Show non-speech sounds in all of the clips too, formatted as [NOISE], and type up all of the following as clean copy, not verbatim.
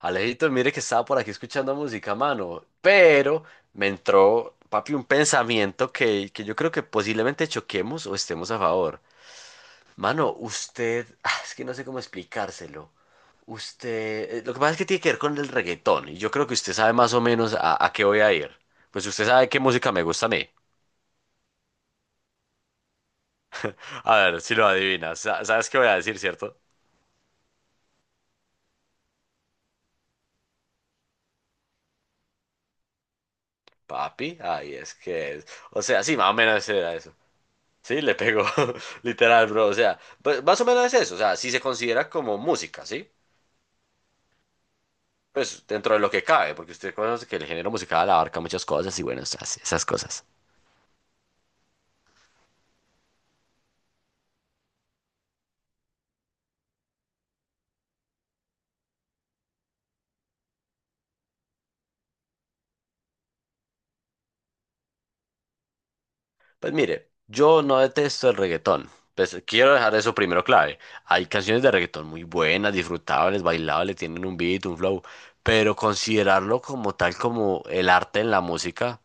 Alejito, mire que estaba por aquí escuchando música, mano, pero me entró, papi, un pensamiento que yo creo que posiblemente choquemos o estemos a favor. Mano, usted, es que no sé cómo explicárselo. Usted, lo que pasa es que tiene que ver con el reggaetón y yo creo que usted sabe más o menos a qué voy a ir. Pues usted sabe qué música me gusta a mí. A ver, si lo adivinas, ¿sabes qué voy a decir, cierto? Papi, ahí es que es. O sea, sí, más o menos era eso. Sí, le pegó, [LAUGHS] literal, bro. O sea, pues, más o menos es eso. O sea, si se considera como música, ¿sí? Pues dentro de lo que cabe, porque usted conoce que el género musical abarca muchas cosas y bueno, esas cosas. Pues mire, yo no detesto el reggaetón. Pues quiero dejar eso primero clave. Hay canciones de reggaetón muy buenas, disfrutables, bailables, tienen un beat, un flow, pero considerarlo como tal como el arte en la música,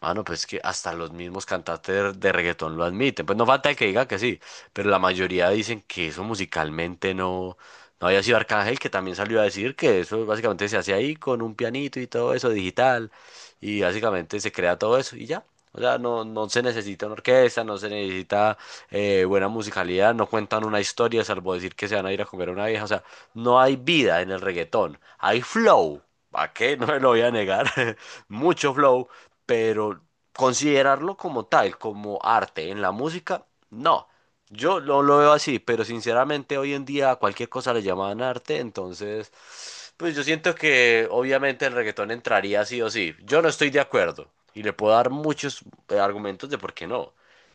mano, pues que hasta los mismos cantantes de reggaetón lo admiten. Pues no falta el que diga que sí, pero la mayoría dicen que eso musicalmente no, no había sido Arcángel, que también salió a decir que eso básicamente se hace ahí con un pianito y todo eso digital y básicamente se crea todo eso y ya. O sea, no se necesita una orquesta, no se necesita buena musicalidad, no cuentan una historia salvo decir que se van a ir a comer a una vieja. O sea, no hay vida en el reggaetón, hay flow. ¿Para qué? [LAUGHS] No me lo voy a negar. [LAUGHS] Mucho flow, pero considerarlo como tal, como arte en la música, no. Yo lo veo así, pero sinceramente hoy en día a cualquier cosa le llaman arte, entonces, pues yo siento que obviamente el reggaetón entraría sí o sí. Yo no estoy de acuerdo y le puedo dar muchos argumentos de por qué no.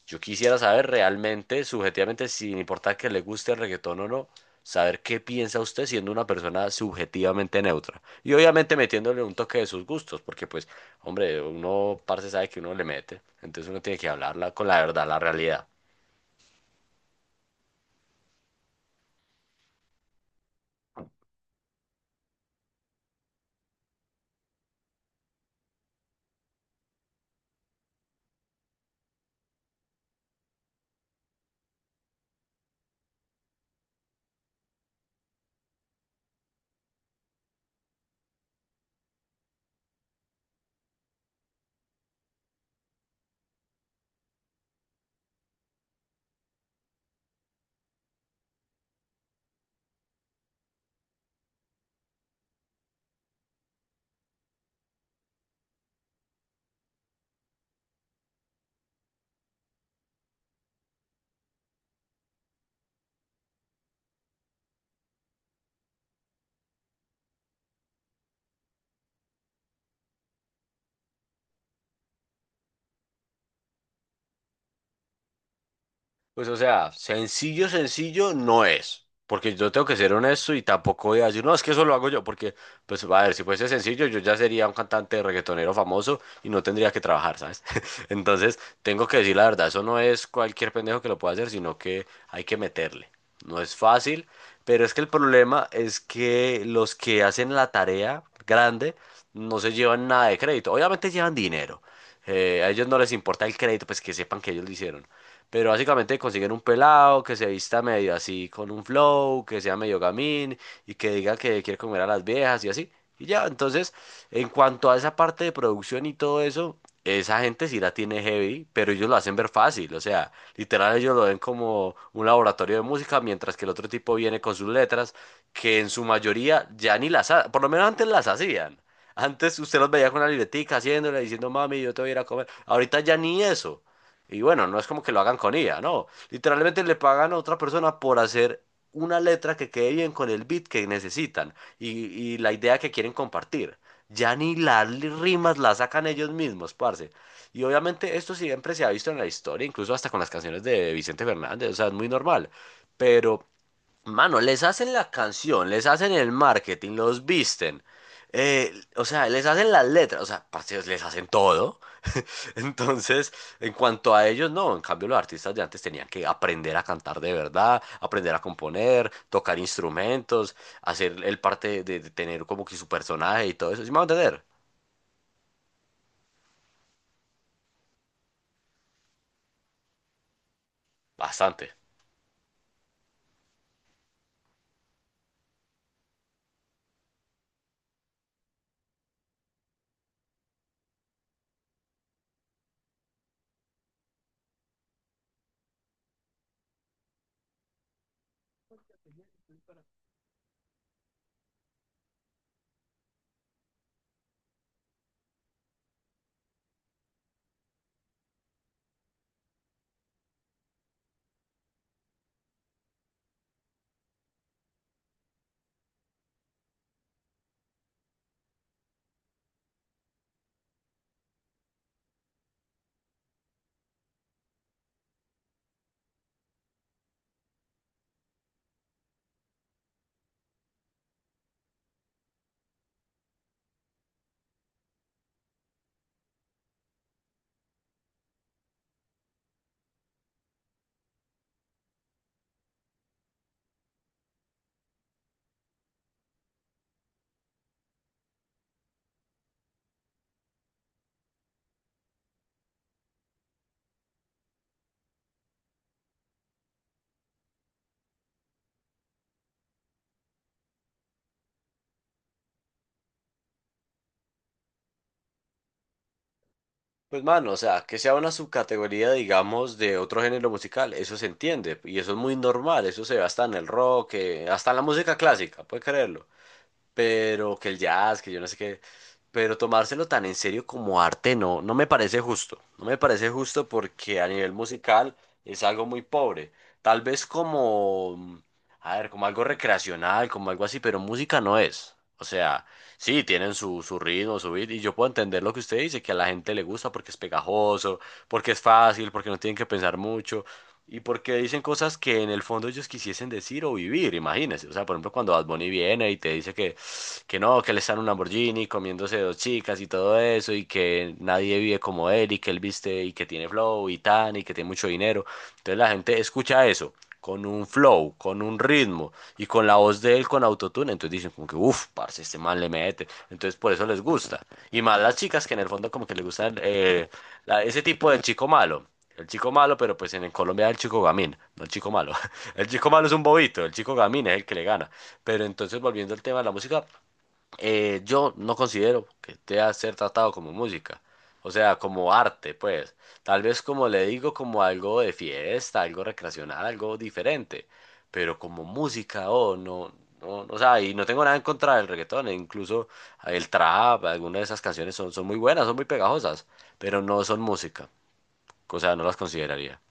Yo quisiera saber realmente, subjetivamente, sin importar que le guste el reggaetón o no, saber qué piensa usted siendo una persona subjetivamente neutra. Y obviamente metiéndole un toque de sus gustos, porque pues, hombre, uno, parce, sabe que uno le mete, entonces uno tiene que hablarla con la verdad, la realidad. Pues o sea, sencillo, sencillo no es, porque yo tengo que ser honesto y tampoco voy a decir, no, es que eso lo hago yo, porque, pues, a ver, si fuese sencillo, yo ya sería un cantante reggaetonero famoso y no tendría que trabajar, ¿sabes? [LAUGHS] Entonces, tengo que decir la verdad, eso no es cualquier pendejo que lo pueda hacer, sino que hay que meterle. No es fácil, pero es que el problema es que los que hacen la tarea grande no se llevan nada de crédito, obviamente llevan dinero. A ellos no les importa el crédito, pues que sepan que ellos lo hicieron. Pero básicamente consiguen un pelado que se vista medio así con un flow, que sea medio gamín y que diga que quiere comer a las viejas y así. Y ya, entonces, en cuanto a esa parte de producción y todo eso, esa gente sí la tiene heavy, pero ellos lo hacen ver fácil. O sea, literal ellos lo ven como un laboratorio de música, mientras que el otro tipo viene con sus letras, que en su mayoría ya ni por lo menos antes las hacían. Antes usted los veía con una libretica haciéndole, diciendo, mami, yo te voy a ir a comer. Ahorita ya ni eso. Y bueno, no es como que lo hagan con IA, no. Literalmente le pagan a otra persona por hacer una letra que quede bien con el beat que necesitan y, y la idea que quieren compartir. Ya ni las rimas las sacan ellos mismos, parce. Y obviamente esto siempre se ha visto en la historia, incluso hasta con las canciones de Vicente Fernández, o sea, es muy normal. Pero, mano, les hacen la canción, les hacen el marketing, los visten, o sea, les hacen las letras, o sea, parce, les hacen todo. Entonces, en cuanto a ellos, no, en cambio los artistas de antes tenían que aprender a cantar de verdad, aprender a componer, tocar instrumentos, hacer el parte de tener como que su personaje y todo eso, ¿sí me van a entender? Bastante. Pues mano, o sea, que sea una subcategoría, digamos, de otro género musical, eso se entiende, y eso es muy normal, eso se ve hasta en el rock, hasta en la música clásica, puede creerlo. Pero que el jazz, que yo no sé qué, pero tomárselo tan en serio como arte no, no me parece justo, no me parece justo porque a nivel musical es algo muy pobre, tal vez como, a ver, como algo recreacional, como algo así, pero música no es, o sea, sí, tienen su ritmo, su beat, y yo puedo entender lo que usted dice, que a la gente le gusta porque es pegajoso, porque es fácil, porque no tienen que pensar mucho. Y porque dicen cosas que en el fondo ellos quisiesen decir o vivir, imagínense. O sea, por ejemplo, cuando Bad Bunny viene y te dice que no, que él está en un Lamborghini comiéndose dos chicas y todo eso, y que nadie vive como él, y que él viste y que tiene flow y tan, y que tiene mucho dinero. Entonces la gente escucha eso con un flow, con un ritmo y con la voz de él con autotune, entonces dicen como que, uff, parce, este man le mete, entonces por eso les gusta. Y más las chicas que en el fondo como que les gustan ese tipo del chico malo. El chico malo, pero pues en Colombia es el chico gamín, no el chico malo. [LAUGHS] El chico malo es un bobito, el chico gamín es el que le gana. Pero entonces, volviendo al tema de la música, yo no considero que deba ser tratado como música, o sea, como arte, pues. Tal vez como le digo, como algo de fiesta, algo recreacional, algo diferente, pero como música, oh, no, no, o sea, y no tengo nada en contra del reggaetón, e incluso el trap, algunas de esas canciones son muy buenas, son muy pegajosas, pero no son música, o sea, no las consideraría.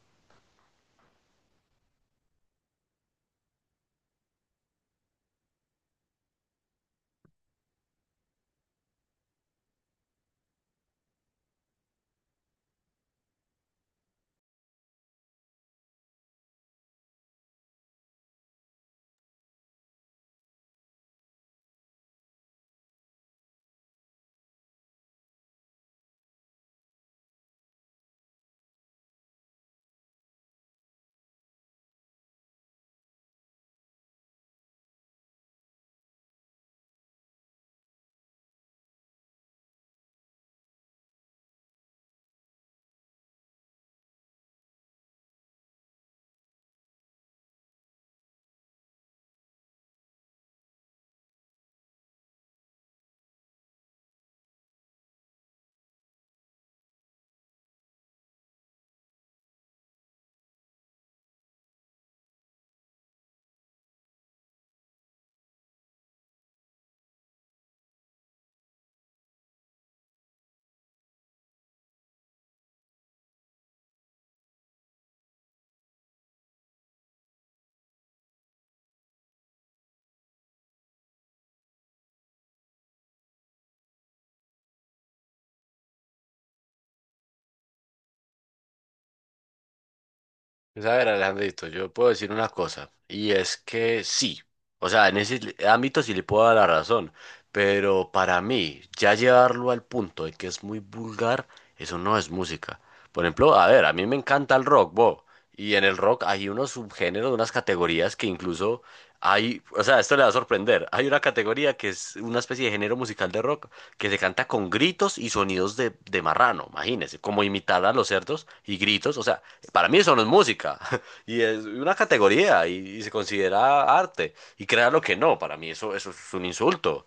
Pues, a ver, Alejandrito, yo puedo decir una cosa, y es que sí, o sea, en ese ámbito sí le puedo dar la razón, pero para mí, ya llevarlo al punto de que es muy vulgar, eso no es música. Por ejemplo, a ver, a mí me encanta el rock, bo, y en el rock hay unos subgéneros, unas categorías que incluso hay, o sea, esto le va a sorprender. Hay una categoría que es una especie de género musical de rock que se canta con gritos y sonidos de marrano, imagínense, como imitar a los cerdos y gritos. O sea, para mí eso no es música. [LAUGHS] Y es una categoría y se considera arte. Y créalo que no, para mí eso, eso es un insulto.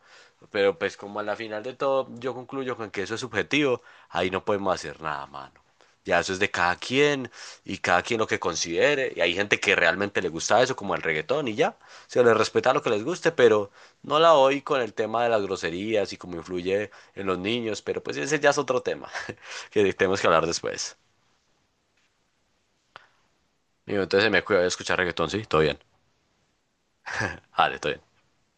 Pero pues como a la final de todo yo concluyo con que eso es subjetivo, ahí no podemos hacer nada, mano. Ya eso es de cada quien y cada quien lo que considere. Y hay gente que realmente le gusta eso, como el reggaetón y ya. Se les respeta lo que les guste, pero no la oí con el tema de las groserías y cómo influye en los niños. Pero pues ese ya es otro tema [LAUGHS] que tenemos que hablar después. Y entonces me cuido de escuchar reggaetón, sí, todo bien. Vale, todo bien.